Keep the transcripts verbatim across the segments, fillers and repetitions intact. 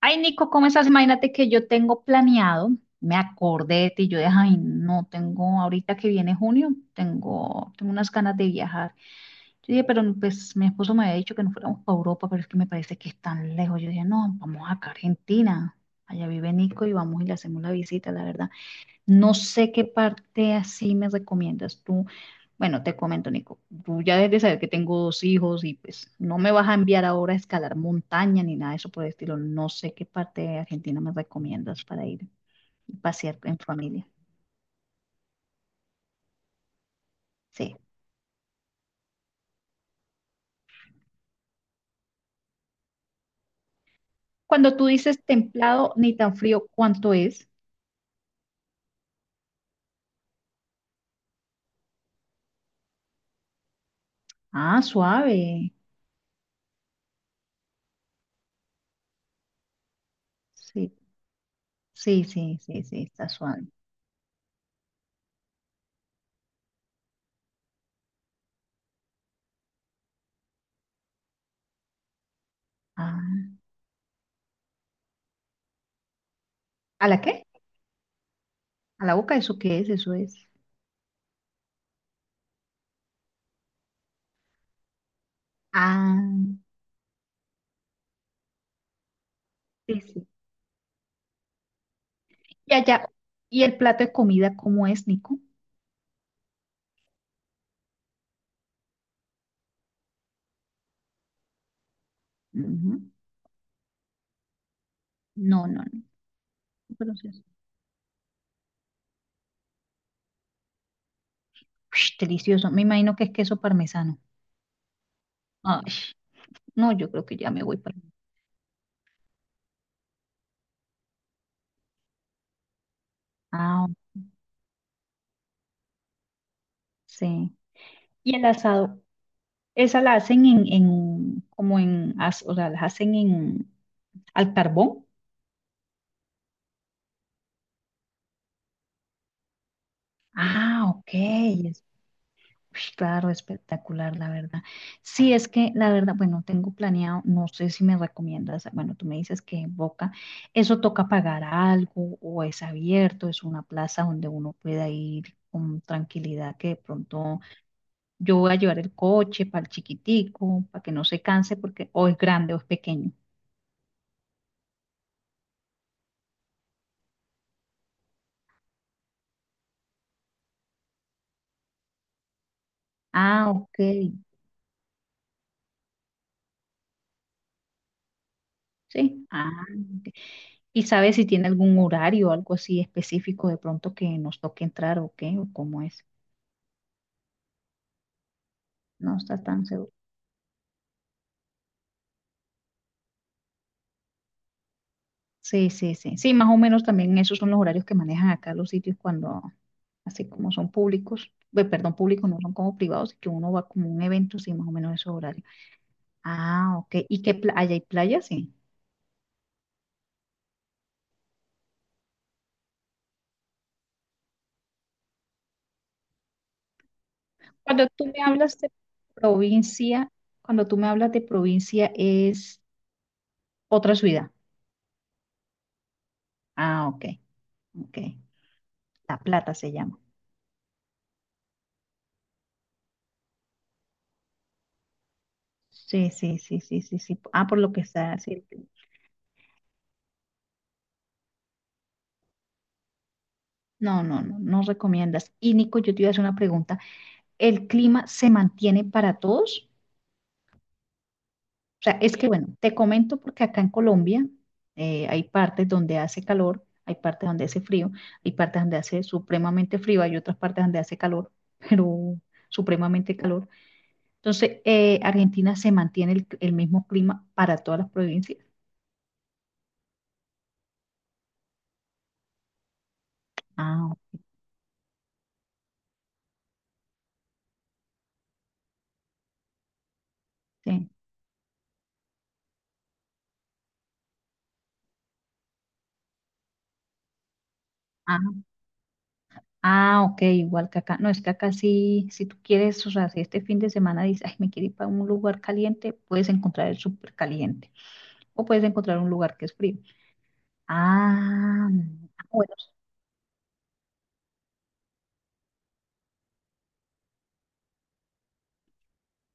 Ay, Nico, ¿cómo estás? Imagínate que yo tengo planeado, me acordé de ti, yo dije, ay, no, tengo, ahorita que viene junio, tengo, tengo unas ganas de viajar. Yo dije, pero pues mi esposo me había dicho que no fuéramos para Europa, pero es que me parece que es tan lejos. Yo dije, no, vamos acá a Argentina, allá vive Nico y vamos y le hacemos la visita, la verdad. No sé qué parte así me recomiendas tú. Bueno, te comento, Nico, tú ya debes de saber que tengo dos hijos y pues no me vas a enviar ahora a escalar montaña ni nada de eso por el estilo. No sé qué parte de Argentina me recomiendas para ir y pasear en familia. Sí. Cuando tú dices templado ni tan frío, ¿cuánto es? Ah, suave. Sí, sí, sí, sí, sí, está suave. Ah. ¿A la qué? ¿A la boca? ¿Eso qué es? Eso es. Ah, sí. Sí. Y allá, y el plato de comida, ¿cómo es, Nico? Ujú. No, no, no. Pero sí es- Ush, delicioso. Me imagino que es queso parmesano. Ay, no, yo creo que ya me voy para. Ah, sí. Y el asado, esa la hacen en, en como en, as- o sea, la hacen en al carbón. Ah, ok. Ush, claro, espectacular, la verdad. Sí, es que la verdad, bueno, tengo planeado, no sé si me recomiendas, bueno, tú me dices que en Boca, eso toca pagar algo o es abierto, es una plaza donde uno pueda ir con tranquilidad, que de pronto yo voy a llevar el coche para el chiquitico, para que no se canse, porque o es grande o es pequeño. Ah, ok, sí. Ah, ok. ¿Y sabes si tiene algún horario o algo así específico de pronto que nos toque entrar o qué, o cómo es? No está tan seguro. Sí, sí, sí. Sí, más o menos también esos son los horarios que manejan acá los sitios cuando, así como son públicos, ve, perdón, públicos no son como privados, y que uno va como a un evento, sí, más o menos esos horarios. Ah, ok. ¿Y qué playa? ¿Hay playa? Sí. Cuando tú me hablas de provincia, cuando tú me hablas de provincia es otra ciudad. Ah, ok, ok. La Plata se llama. Sí, sí, sí, sí, sí, sí. Ah, por lo que está, sí. No, no, no, no recomiendas. Y Nico, yo te iba a hacer una pregunta. El clima se mantiene para todos. O sea, es que bueno, te comento porque acá en Colombia eh, hay partes donde hace calor, hay partes donde hace frío, hay partes donde hace supremamente frío, hay otras partes donde hace calor, pero supremamente calor. Entonces, eh, Argentina se mantiene el, el mismo clima para todas las provincias. Ah, ok. Ah, ah, ok, igual que acá. No, es que acá sí, si tú quieres, o sea, si este fin de semana dices, ay, me quiero ir para un lugar caliente, puedes encontrar el súper caliente. O puedes encontrar un lugar que es frío. Ah, bueno,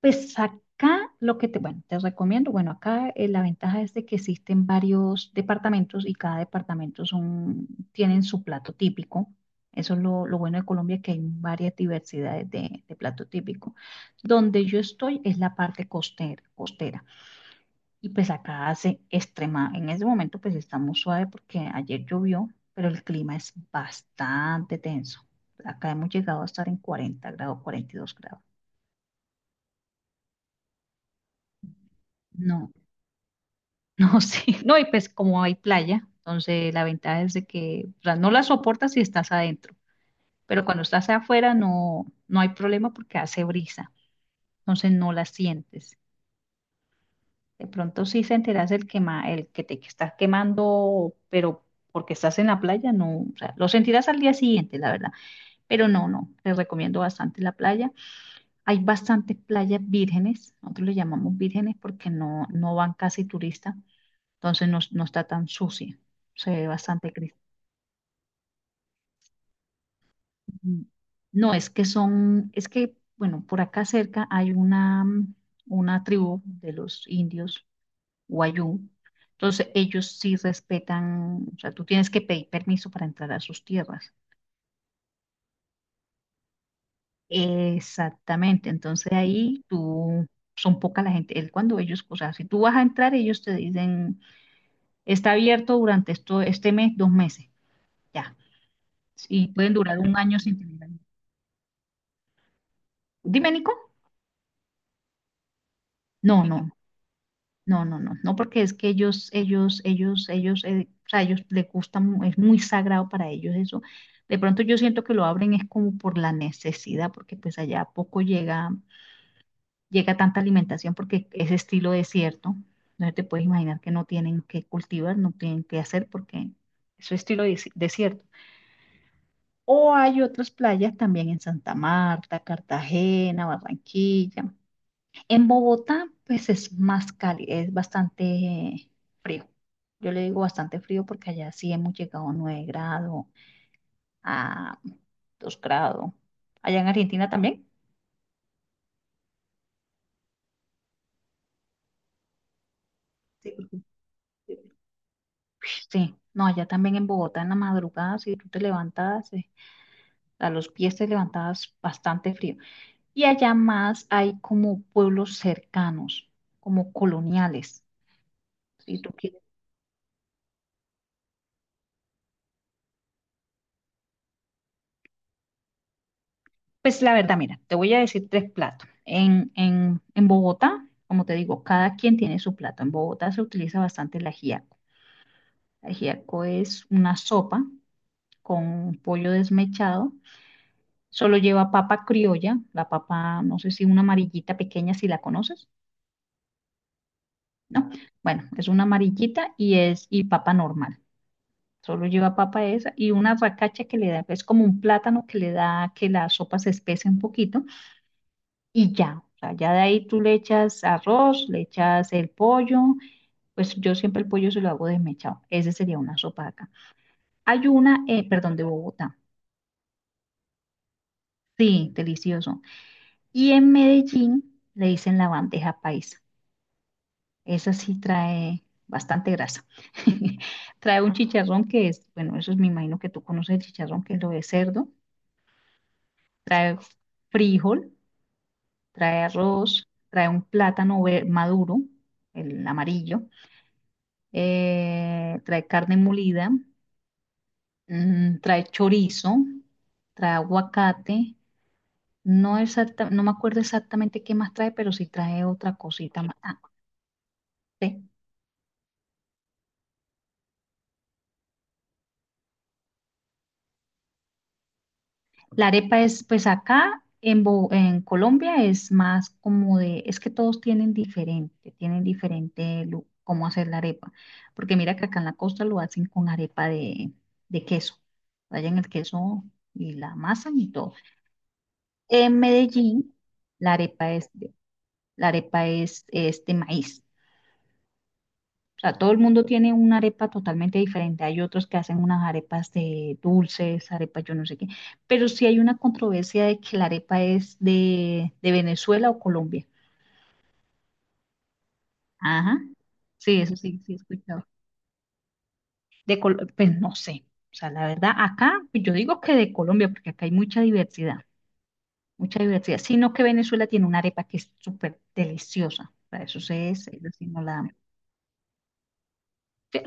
pues acá lo que te, bueno, te recomiendo, bueno, acá eh, la ventaja es de que existen varios departamentos y cada departamento son, tienen su plato típico. Eso es lo, lo bueno de Colombia, que hay varias diversidades de, de plato típico. Donde yo estoy es la parte costera, costera. Y pues acá hace extrema, en ese momento pues está muy suave porque ayer llovió, pero el clima es bastante tenso. Acá hemos llegado a estar en 40 grados, 42 grados. No, no, sí, no, y pues como hay playa, entonces la ventaja es de que, o sea, no la soportas si estás adentro, pero cuando estás afuera no, no hay problema porque hace brisa, entonces no la sientes. De pronto sí se enteras el quema, el que te que estás quemando, pero porque estás en la playa, no, o sea, lo sentirás al día siguiente, la verdad. Pero no, no, les recomiendo bastante la playa. Hay bastantes playas vírgenes, nosotros le llamamos vírgenes porque no, no van casi turistas, entonces no, no está tan sucia, se ve bastante cristal. No, es que son, es que, bueno, por acá cerca hay una, mm, una tribu de los indios Wayuu. Entonces, ellos sí respetan, o sea, tú tienes que pedir permiso para entrar a sus tierras. Exactamente, entonces ahí tú, son poca la gente, él cuando ellos, o sea, si tú vas a entrar, ellos te dicen, está abierto durante esto, este mes, dos meses, ya, y pueden durar un año sin tener. Dime, Nico. No, no. No, no, no, no, porque es que ellos, ellos, ellos, ellos, eh, o sea, ellos les gusta, mu- es muy sagrado para ellos eso. De pronto yo siento que lo abren es como por la necesidad, porque pues allá poco llega, llega tanta alimentación porque es estilo desierto. Entonces te puedes imaginar que no tienen que cultivar, no tienen que hacer porque eso es estilo desi- desierto. O hay otras playas también en Santa Marta, Cartagena, Barranquilla. En Bogotá, pues es más cálido, es bastante frío. Yo le digo bastante frío porque allá sí hemos llegado a nueve grados, a dos grados. Allá en Argentina también. Sí, porque- Sí, no, allá también en Bogotá en la madrugada, si tú te levantas eh, a los pies te levantabas bastante frío. Y allá más hay como pueblos cercanos, como coloniales. Si tú qui- Pues la verdad, mira, te voy a decir tres platos. En, en, en Bogotá, como te digo, cada quien tiene su plato. En Bogotá se utiliza bastante el ajiaco. El ajiaco es una sopa con pollo desmechado. Solo lleva papa criolla, la papa, no sé si una amarillita pequeña, si la conoces, ¿no? Bueno, es una amarillita y es y papa normal. Solo lleva papa esa y una racacha que le da, es como un plátano que le da que la sopa se espese un poquito y ya. O sea, ya de ahí tú le echas arroz, le echas el pollo, pues yo siempre el pollo se lo hago desmechado. Ese sería una sopa de acá. Hay una, eh, perdón, de Bogotá. Sí, delicioso. Y en Medellín le dicen la bandeja paisa. Esa sí trae bastante grasa. Trae un chicharrón que es, bueno, eso es, me imagino que tú conoces el chicharrón, que es lo de cerdo. Trae frijol, trae arroz, trae un plátano ver- maduro, el amarillo eh, trae carne molida, mm, trae chorizo, trae aguacate. No, exacta- no me acuerdo exactamente qué más trae, pero sí trae otra cosita más. Ah, sí. La arepa es, pues acá en, Bo- en Colombia es más como de, es que todos tienen diferente, tienen diferente lu- cómo hacer la arepa. Porque mira que acá en la costa lo hacen con arepa de, de queso. Rayan el queso y la masa y todo. En Medellín, la arepa es la arepa es, es de maíz. O sea, todo el mundo tiene una arepa totalmente diferente. Hay otros que hacen unas arepas de dulces, arepas yo no sé qué. Pero sí hay una controversia de que la arepa es de, de Venezuela o Colombia. Ajá. Sí, eso sí, sí he escuchado. De Col- pues no sé. O sea, la verdad, acá pues, yo digo que de Colombia, porque acá hay mucha diversidad, mucha diversidad. Sino que Venezuela tiene una arepa que es súper deliciosa. Para eso sí es, eso sí no la... No